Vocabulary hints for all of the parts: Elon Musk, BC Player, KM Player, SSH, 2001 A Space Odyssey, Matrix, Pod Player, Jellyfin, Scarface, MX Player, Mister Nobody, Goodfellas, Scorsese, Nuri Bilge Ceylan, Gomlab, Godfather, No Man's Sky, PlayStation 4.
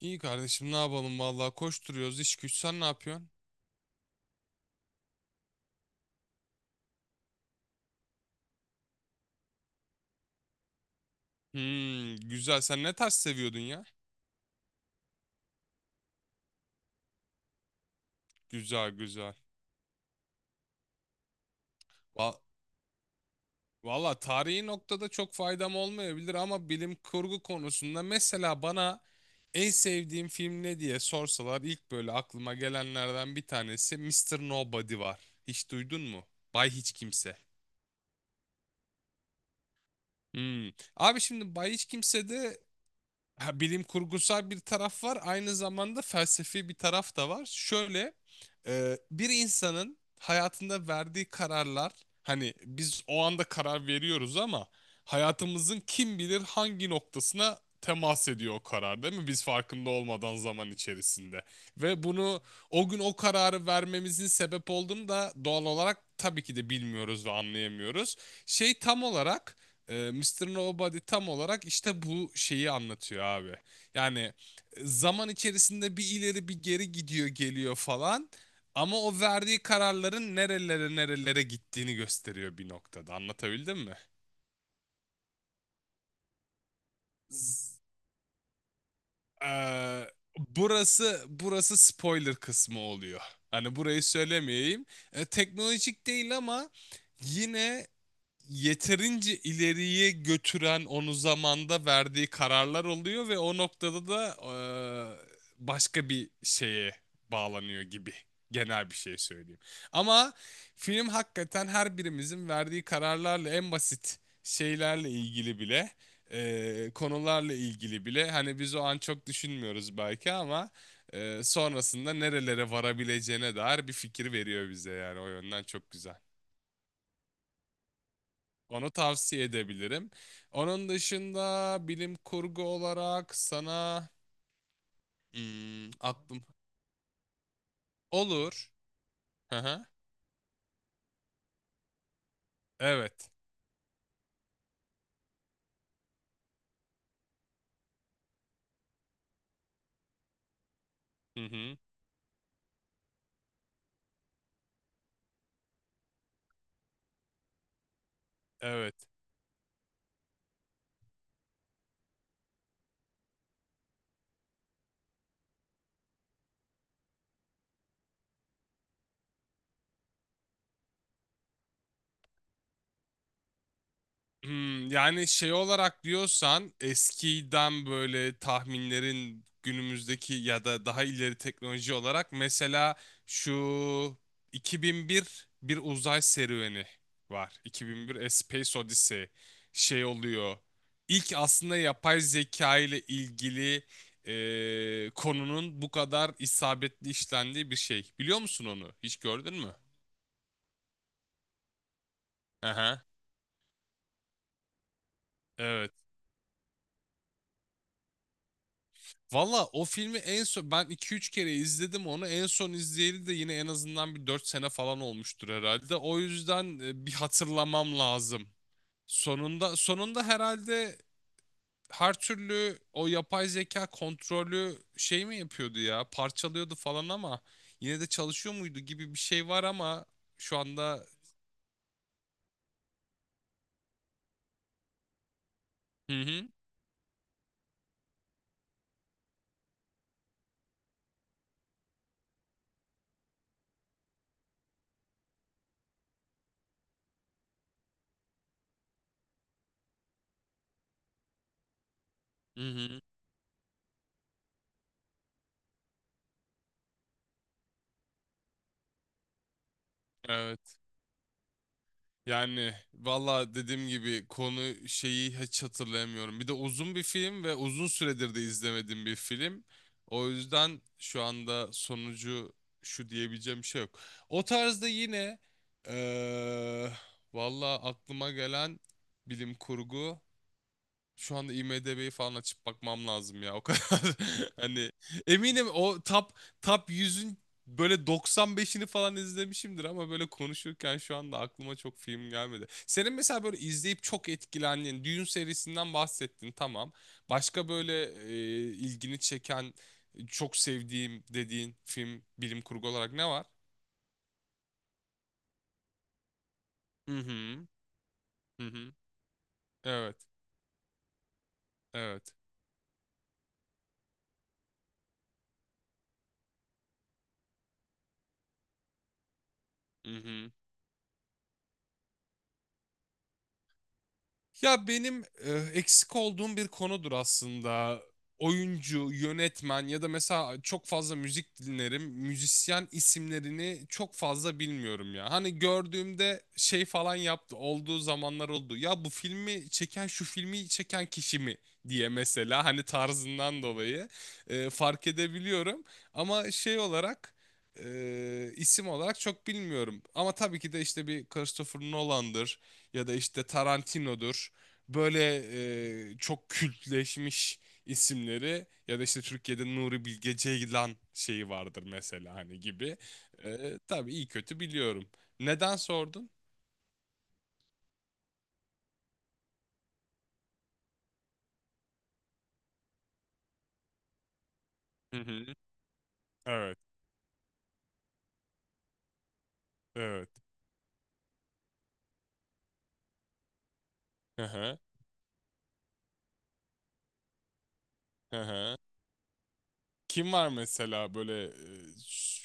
İyi kardeşim, ne yapalım vallahi, koşturuyoruz iş güç. Sen ne yapıyorsun? Hmm, güzel. Sen ne tarz seviyordun ya? Güzel güzel. Va valla tarihi noktada çok faydam olmayabilir, ama bilim kurgu konusunda mesela bana en sevdiğim film ne diye sorsalar ilk böyle aklıma gelenlerden bir tanesi Mister Nobody var. Hiç duydun mu? Bay Hiç Kimse. Hmm. Abi, şimdi Bay Hiç Kimse'de ha, bilim kurgusal bir taraf var. Aynı zamanda felsefi bir taraf da var. Şöyle, bir insanın hayatında verdiği kararlar, hani biz o anda karar veriyoruz ama hayatımızın kim bilir hangi noktasına temas ediyor o karar, değil mi? Biz farkında olmadan, zaman içerisinde. Ve bunu, o gün o kararı vermemizin sebep olduğunu da doğal olarak tabii ki de bilmiyoruz ve anlayamıyoruz. Şey, tam olarak Mr. Nobody tam olarak işte bu şeyi anlatıyor abi. Yani zaman içerisinde bir ileri bir geri gidiyor geliyor falan. Ama o verdiği kararların nerelere nerelere gittiğini gösteriyor bir noktada. Anlatabildim mi? Z- e, burası spoiler kısmı oluyor. Hani burayı söylemeyeyim. Teknolojik değil, ama yine yeterince ileriye götüren onu zamanda verdiği kararlar oluyor ve o noktada da başka bir şeye bağlanıyor gibi. Genel bir şey söyleyeyim. Ama film hakikaten her birimizin verdiği kararlarla en basit şeylerle ilgili bile, konularla ilgili bile, hani biz o an çok düşünmüyoruz belki ama sonrasında nerelere varabileceğine dair bir fikir veriyor bize, yani o yönden çok güzel. Onu tavsiye edebilirim. Onun dışında bilim kurgu olarak sana aklım. Olur. Hı hı. Evet. Hı hı. Evet. Hmm, yani şey olarak diyorsan eskiden böyle tahminlerin günümüzdeki ya da daha ileri teknoloji olarak mesela, şu 2001 bir uzay serüveni var. 2001 A Space Odyssey şey oluyor. İlk, aslında yapay zeka ile ilgili konunun bu kadar isabetli işlendiği bir şey. Biliyor musun onu? Hiç gördün mü? Aha. Valla o filmi en son ben 2-3 kere izledim onu. En son izleyeli de yine en azından bir 4 sene falan olmuştur herhalde. O yüzden bir hatırlamam lazım. Sonunda herhalde, her türlü o yapay zeka kontrolü şey mi yapıyordu ya? Parçalıyordu falan, ama yine de çalışıyor muydu gibi bir şey var. Ama şu anda. Hı hı. Hı hı. Evet. Yani valla dediğim gibi, konu şeyi hiç hatırlayamıyorum. Bir de uzun bir film ve uzun süredir de izlemediğim bir film. O yüzden şu anda sonucu şu diyebileceğim bir şey yok. O tarzda yine, eee valla aklıma gelen bilim kurgu. Şu anda IMDb'yi falan açıp bakmam lazım ya, o kadar. Hani eminim o top yüzün böyle 95'ini falan izlemişimdir, ama böyle konuşurken şu anda aklıma çok film gelmedi. Senin mesela böyle izleyip çok etkilendiğin Dune serisinden bahsettin, tamam. Başka böyle ilgini çeken, çok sevdiğim dediğin film, bilim kurgu olarak ne var? Hı hı. Hı hı. Evet. Evet. Hı hı. Ya benim eksik olduğum bir konudur aslında. Oyuncu, yönetmen, ya da mesela çok fazla müzik dinlerim, müzisyen isimlerini çok fazla bilmiyorum ya. Hani gördüğümde şey falan yaptı, olduğu zamanlar oldu. Ya bu filmi çeken şu filmi çeken kişi mi diye, mesela hani tarzından dolayı fark edebiliyorum. Ama şey olarak, isim olarak çok bilmiyorum. Ama tabii ki de işte bir Christopher Nolan'dır ya da işte Tarantino'dur. Böyle çok kültleşmiş isimleri, ya da işte Türkiye'de Nuri Bilge Ceylan şeyi vardır mesela, hani gibi. Tabii iyi kötü biliyorum. Neden sordun? Hı hı. Evet, evet. Hı hı, hı hı. Kim var mesela böyle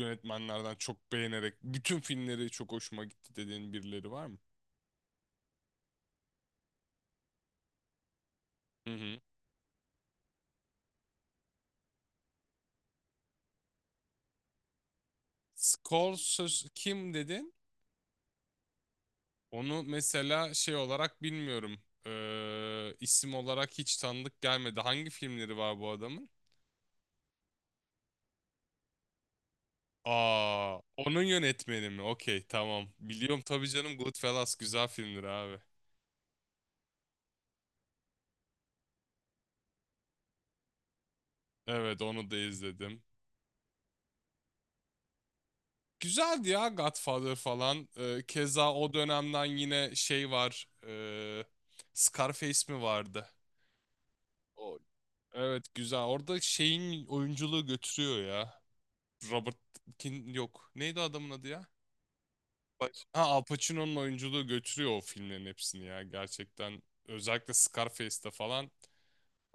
yönetmenlerden çok beğenerek, bütün filmleri çok hoşuma gitti dediğin birileri var mı? Hı hı. Scorsese kim dedin? Onu mesela şey olarak bilmiyorum. İsim olarak hiç tanıdık gelmedi. Hangi filmleri var bu adamın? Aa, onun yönetmeni mi? Okey, tamam. Biliyorum tabii canım, Goodfellas güzel filmdir abi. Evet, onu da izledim. Güzeldi ya Godfather falan. Keza o dönemden yine şey var. Scarface mi vardı? O, evet, güzel. Orada şeyin oyunculuğu götürüyor ya. Robert Kin yok. Neydi adamın adı ya? Al Pacino'nun oyunculuğu götürüyor o filmlerin hepsini ya, gerçekten. Özellikle Scarface'te falan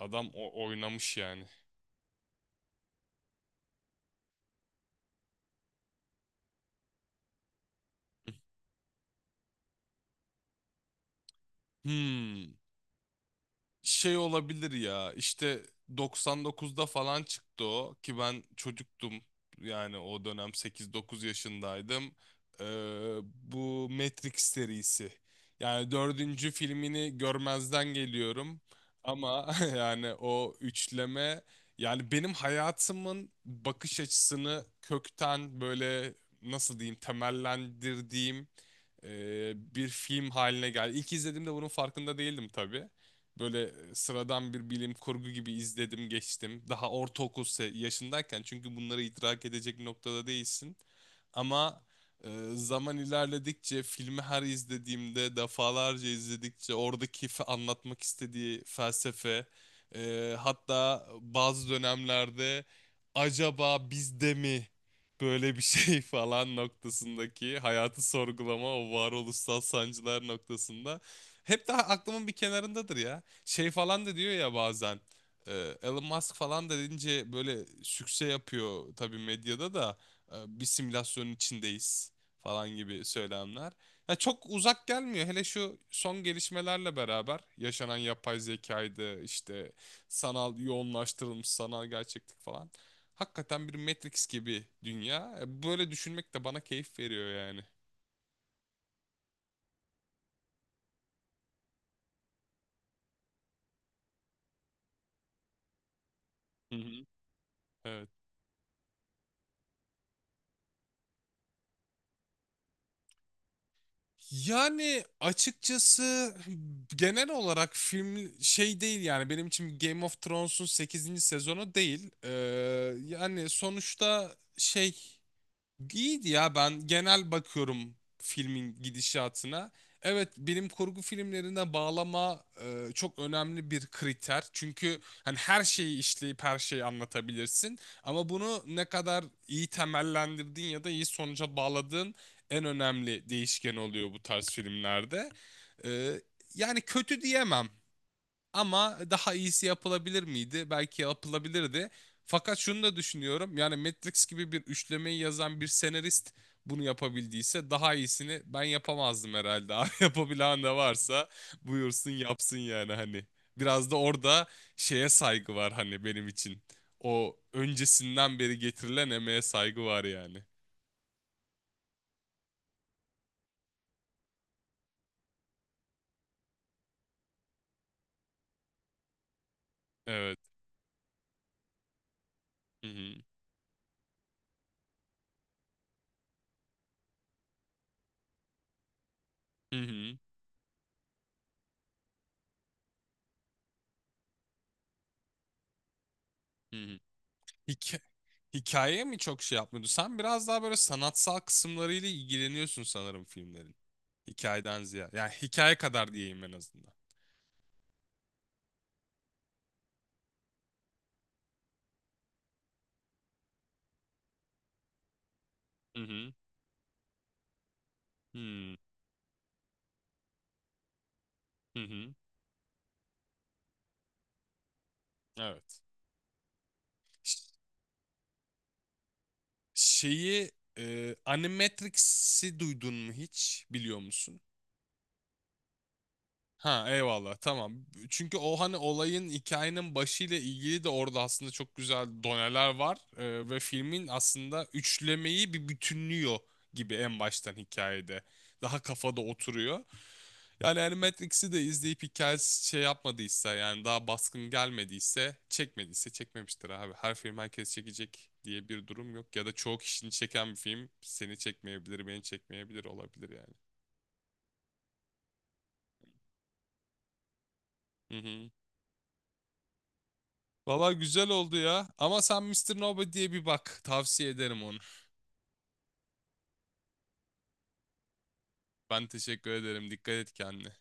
adam o oynamış yani. Hmm. Şey olabilir ya, işte 99'da falan çıktı o, ki ben çocuktum, yani o dönem 8-9 yaşındaydım. Ee, bu Matrix serisi, yani dördüncü filmini görmezden geliyorum ama yani o üçleme, yani benim hayatımın bakış açısını kökten böyle, nasıl diyeyim, temellendirdiğim bir film haline geldi. İlk izlediğimde bunun farkında değildim tabii. Böyle sıradan bir bilim kurgu gibi izledim geçtim. Daha ortaokul yaşındayken, çünkü bunları idrak edecek noktada değilsin. Ama e, zaman ilerledikçe, filmi her izlediğimde, defalarca izledikçe, oradaki anlatmak istediği felsefe, hatta bazı dönemlerde acaba biz de mi böyle bir şey falan noktasındaki hayatı sorgulama, o varoluşsal sancılar noktasında hep daha aklımın bir kenarındadır ya, şey falan da diyor ya bazen. e, Elon Musk falan da deyince böyle sükse yapıyor tabii medyada da, bir simülasyonun içindeyiz falan gibi söylemler. Ya çok uzak gelmiyor, hele şu son gelişmelerle beraber yaşanan yapay zekaydı, işte sanal yoğunlaştırılmış sanal gerçeklik falan. Hakikaten bir Matrix gibi dünya. Böyle düşünmek de bana keyif veriyor yani. Hı hı. Evet. Yani açıkçası genel olarak film şey değil, yani benim için Game of Thrones'un sekizinci sezonu değil. Yani sonuçta şey, İyiydi ya, ben genel bakıyorum filmin gidişatına. Evet, bilim kurgu filmlerine bağlama çok önemli bir kriter. Çünkü hani her şeyi işleyip her şeyi anlatabilirsin. Ama bunu ne kadar iyi temellendirdin ya da iyi sonuca bağladığın, en önemli değişken oluyor bu tarz filmlerde. E, yani kötü diyemem. Ama daha iyisi yapılabilir miydi? Belki yapılabilirdi. Fakat şunu da düşünüyorum. Yani Matrix gibi bir üçlemeyi yazan bir senarist bunu yapabildiyse, daha iyisini ben yapamazdım herhalde. Abi yapabilen de varsa buyursun yapsın yani, hani. Biraz da orada şeye saygı var, hani benim için. O öncesinden beri getirilen emeğe saygı var yani. Evet. Hı hı. Hı hı. Hı hı. Hikayeye mi çok şey yapmıyordu? Sen biraz daha böyle sanatsal kısımlarıyla ilgileniyorsun sanırım filmlerin, hikayeden ziyade. Yani hikaye kadar diyeyim en azından. Hı hı. Hmm. Hı hı. Evet. Ş- Şeyi, Animatrix'i duydun mu hiç? Biliyor musun? Ha, eyvallah, tamam. Çünkü o hani olayın, hikayenin başıyla ilgili de orada aslında çok güzel doneler var. Ve filmin aslında üçlemeyi bir bütünlüyor gibi, en baştan hikayede. Daha kafada oturuyor. Yani hani Matrix'i de izleyip hikayesi şey yapmadıysa, yani daha baskın gelmediyse, çekmediyse çekmemiştir abi. Her film herkes çekecek diye bir durum yok. Ya da çoğu kişinin çeken bir film seni çekmeyebilir, beni çekmeyebilir, olabilir yani. Hı hı. Valla güzel oldu ya. Ama sen Mister Nobody'ye bir bak, tavsiye ederim onu. Ben teşekkür ederim. Dikkat et kendine.